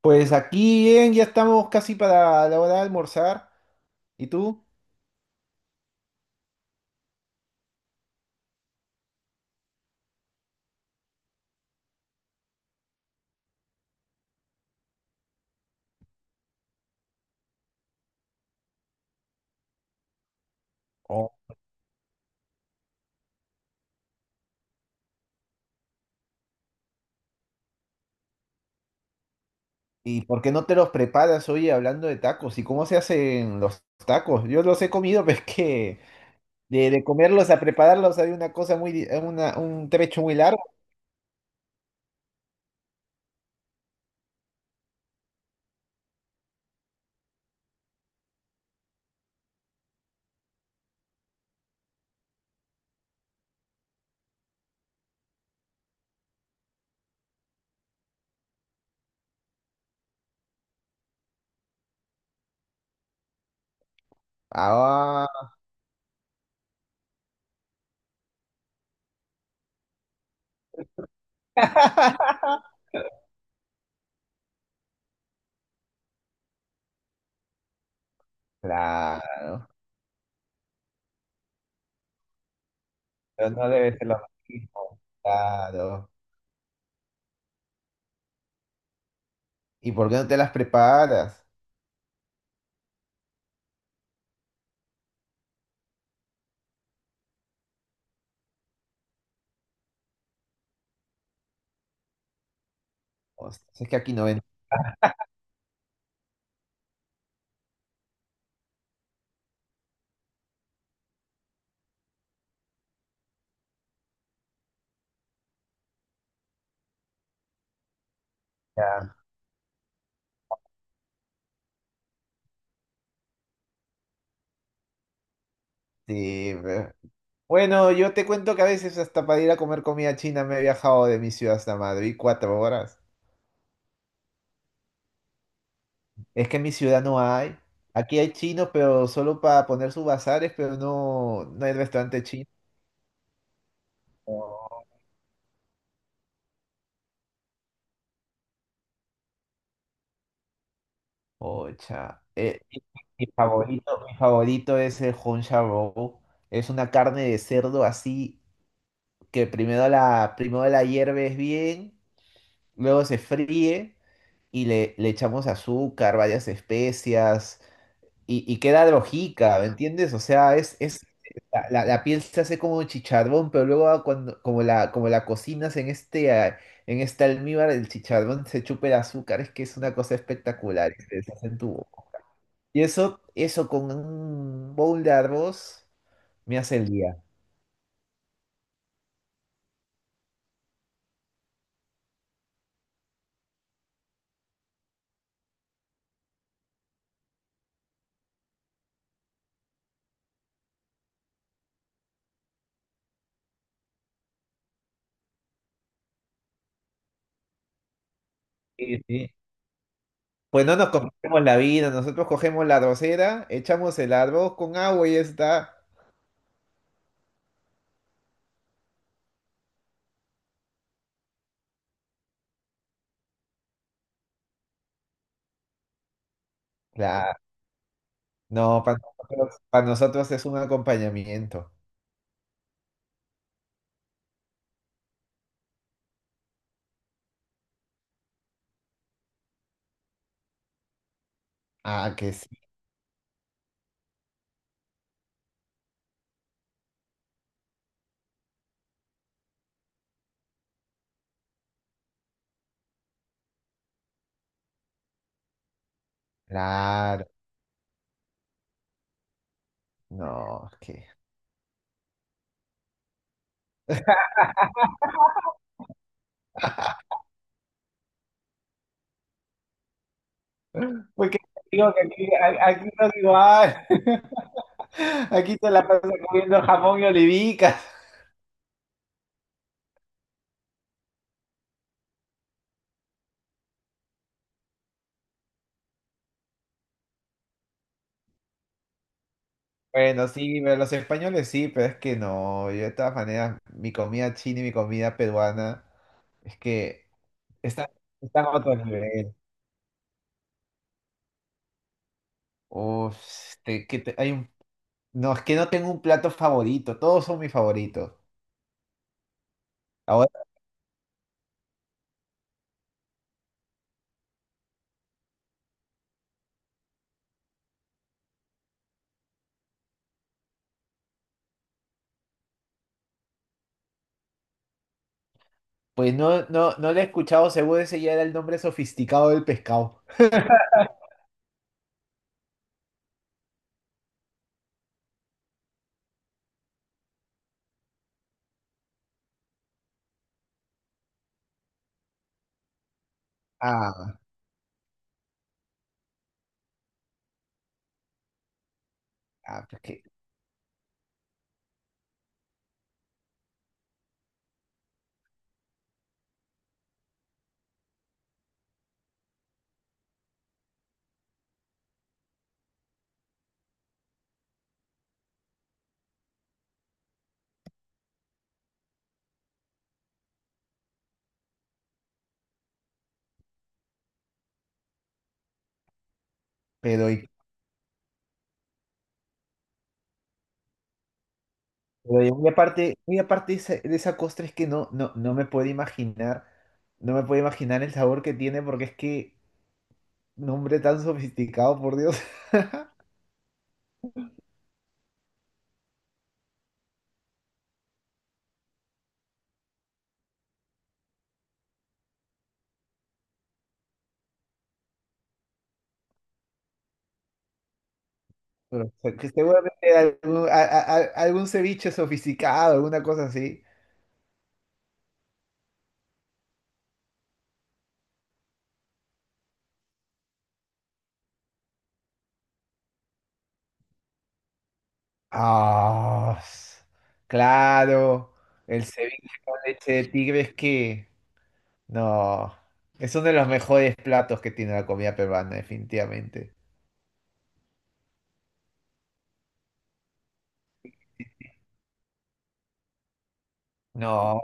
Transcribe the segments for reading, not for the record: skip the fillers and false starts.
Pues aquí bien, ya estamos casi para la hora de almorzar. ¿Y tú? Oh. ¿Y por qué no te los preparas hoy hablando de tacos? ¿Y cómo se hacen los tacos? Yo los he comido, pero es que de comerlos a prepararlos hay una cosa muy, un trecho muy largo. Ah, claro. Pero no debe ser lo mismo. Claro. ¿Y por qué no te las preparas? O sea, es que aquí no ven. Ya. Sí. Bueno, yo te cuento que a veces hasta para ir a comer comida china me he viajado de mi ciudad hasta Madrid 4 horas. Es que en mi ciudad no hay. Aquí hay chinos, pero solo para poner sus bazares, pero no, no hay restaurante chino. Ocha. Mi favorito es el Hong Roll. Es una carne de cerdo así que primero la hierves bien, luego se fríe y le echamos azúcar, varias especias. Y, y queda drojica, ¿me entiendes? O sea, es la piel se hace como chicharrón, pero luego ah, cuando, como la cocinas en en este almíbar, el chicharrón se chupa el azúcar, es que es una cosa espectacular, y se deshace en tu boca. Y eso con un bowl de arroz me hace el día. Sí, sí. Pues no nos comemos la vida, nosotros cogemos la arrocera, echamos el arroz con agua y ya está. Claro, no, para nosotros es un acompañamiento. Ah, que sí. Claro, no, es que. Porque te digo que aquí, aquí no es igual. Aquí se la pasa comiendo jamón y olivicas. Bueno, sí, pero los españoles sí, pero es que no, yo de todas maneras, mi comida china y mi comida peruana, es que están, están a otro nivel. Uf, hay un, no, es que no tengo un plato favorito, todos son mis favoritos. Ahora, pues no, no, no le he escuchado, seguro ese ya era el nombre sofisticado del pescado. Ah, ah, pues que, pero. Pero y muy aparte de esa costra es que no, no, no me puedo imaginar, no me puedo imaginar el sabor que tiene porque es que un hombre tan sofisticado, por Dios. Pero, o sea, que seguramente algún, algún ceviche sofisticado, alguna cosa así. Ah, s- claro, el ceviche con leche de tigre es que no, es uno de los mejores platos que tiene la comida peruana, definitivamente. No.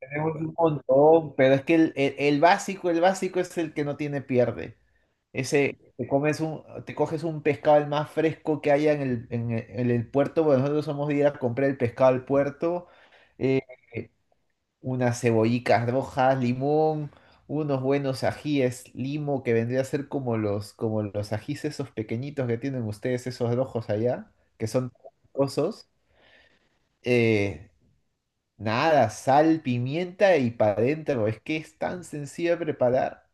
Es un montón, pero es que el básico es el que no tiene pierde. Ese, te coges un pescado el más fresco que haya en en el puerto, bueno, nosotros somos de ir a comprar el pescado al puerto, eh, unas cebollicas rojas, limón, unos buenos ajíes, limo, que vendría a ser como los ajíes esos pequeñitos que tienen ustedes, esos rojos allá, que son picosos. Nada, sal, pimienta y para adentro. Es que es tan sencillo de preparar.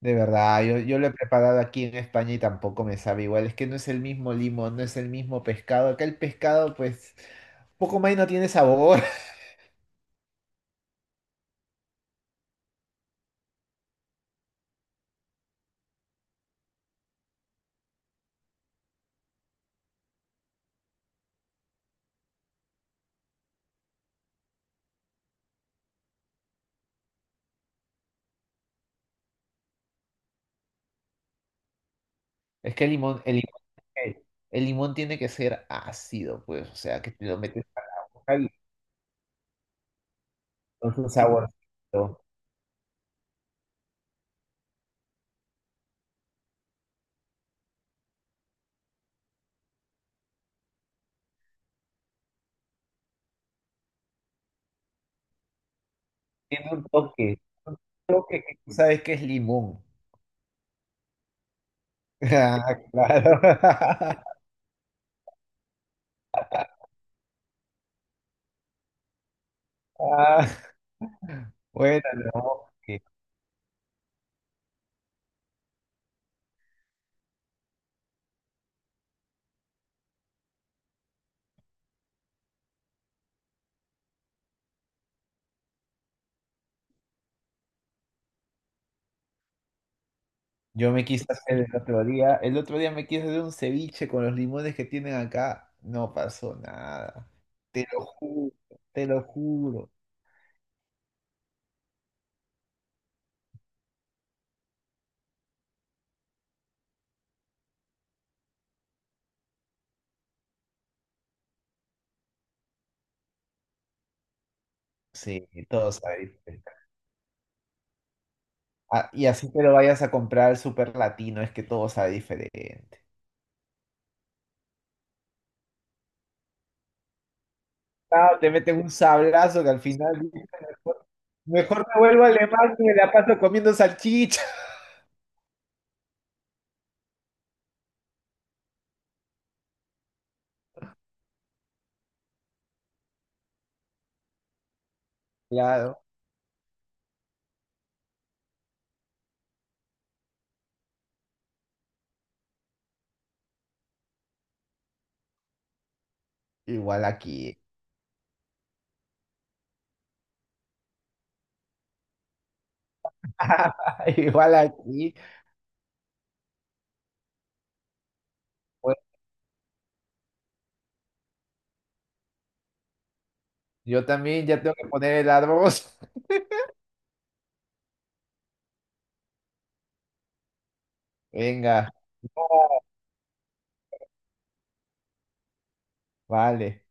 De verdad, yo lo he preparado aquí en España y tampoco me sabe igual. Es que no es el mismo limón, no es el mismo pescado. Acá el pescado, pues, poco más y no tiene sabor. Es que el limón, el, el limón tiene que ser ácido, pues, o sea, que te lo metes a la boca y con su saborcito. Tiene un toque, toque que tú sabes que es limón. Ah, claro. Ah, bueno, no. Ok. Yo me quise hacer el otro día me quise hacer un ceviche con los limones que tienen acá, no pasó nada. Te lo juro, te lo juro. Sí, todo sabe diferente. Ah, y así te lo vayas a comprar al super latino, es que todo sabe diferente. Claro, te meten un sablazo que al final dices, mejor, mejor me vuelvo alemán y me la paso comiendo salchicha. Claro, igual aquí. Igual aquí. Bueno, yo también ya tengo que poner el arroz. Venga. Vale.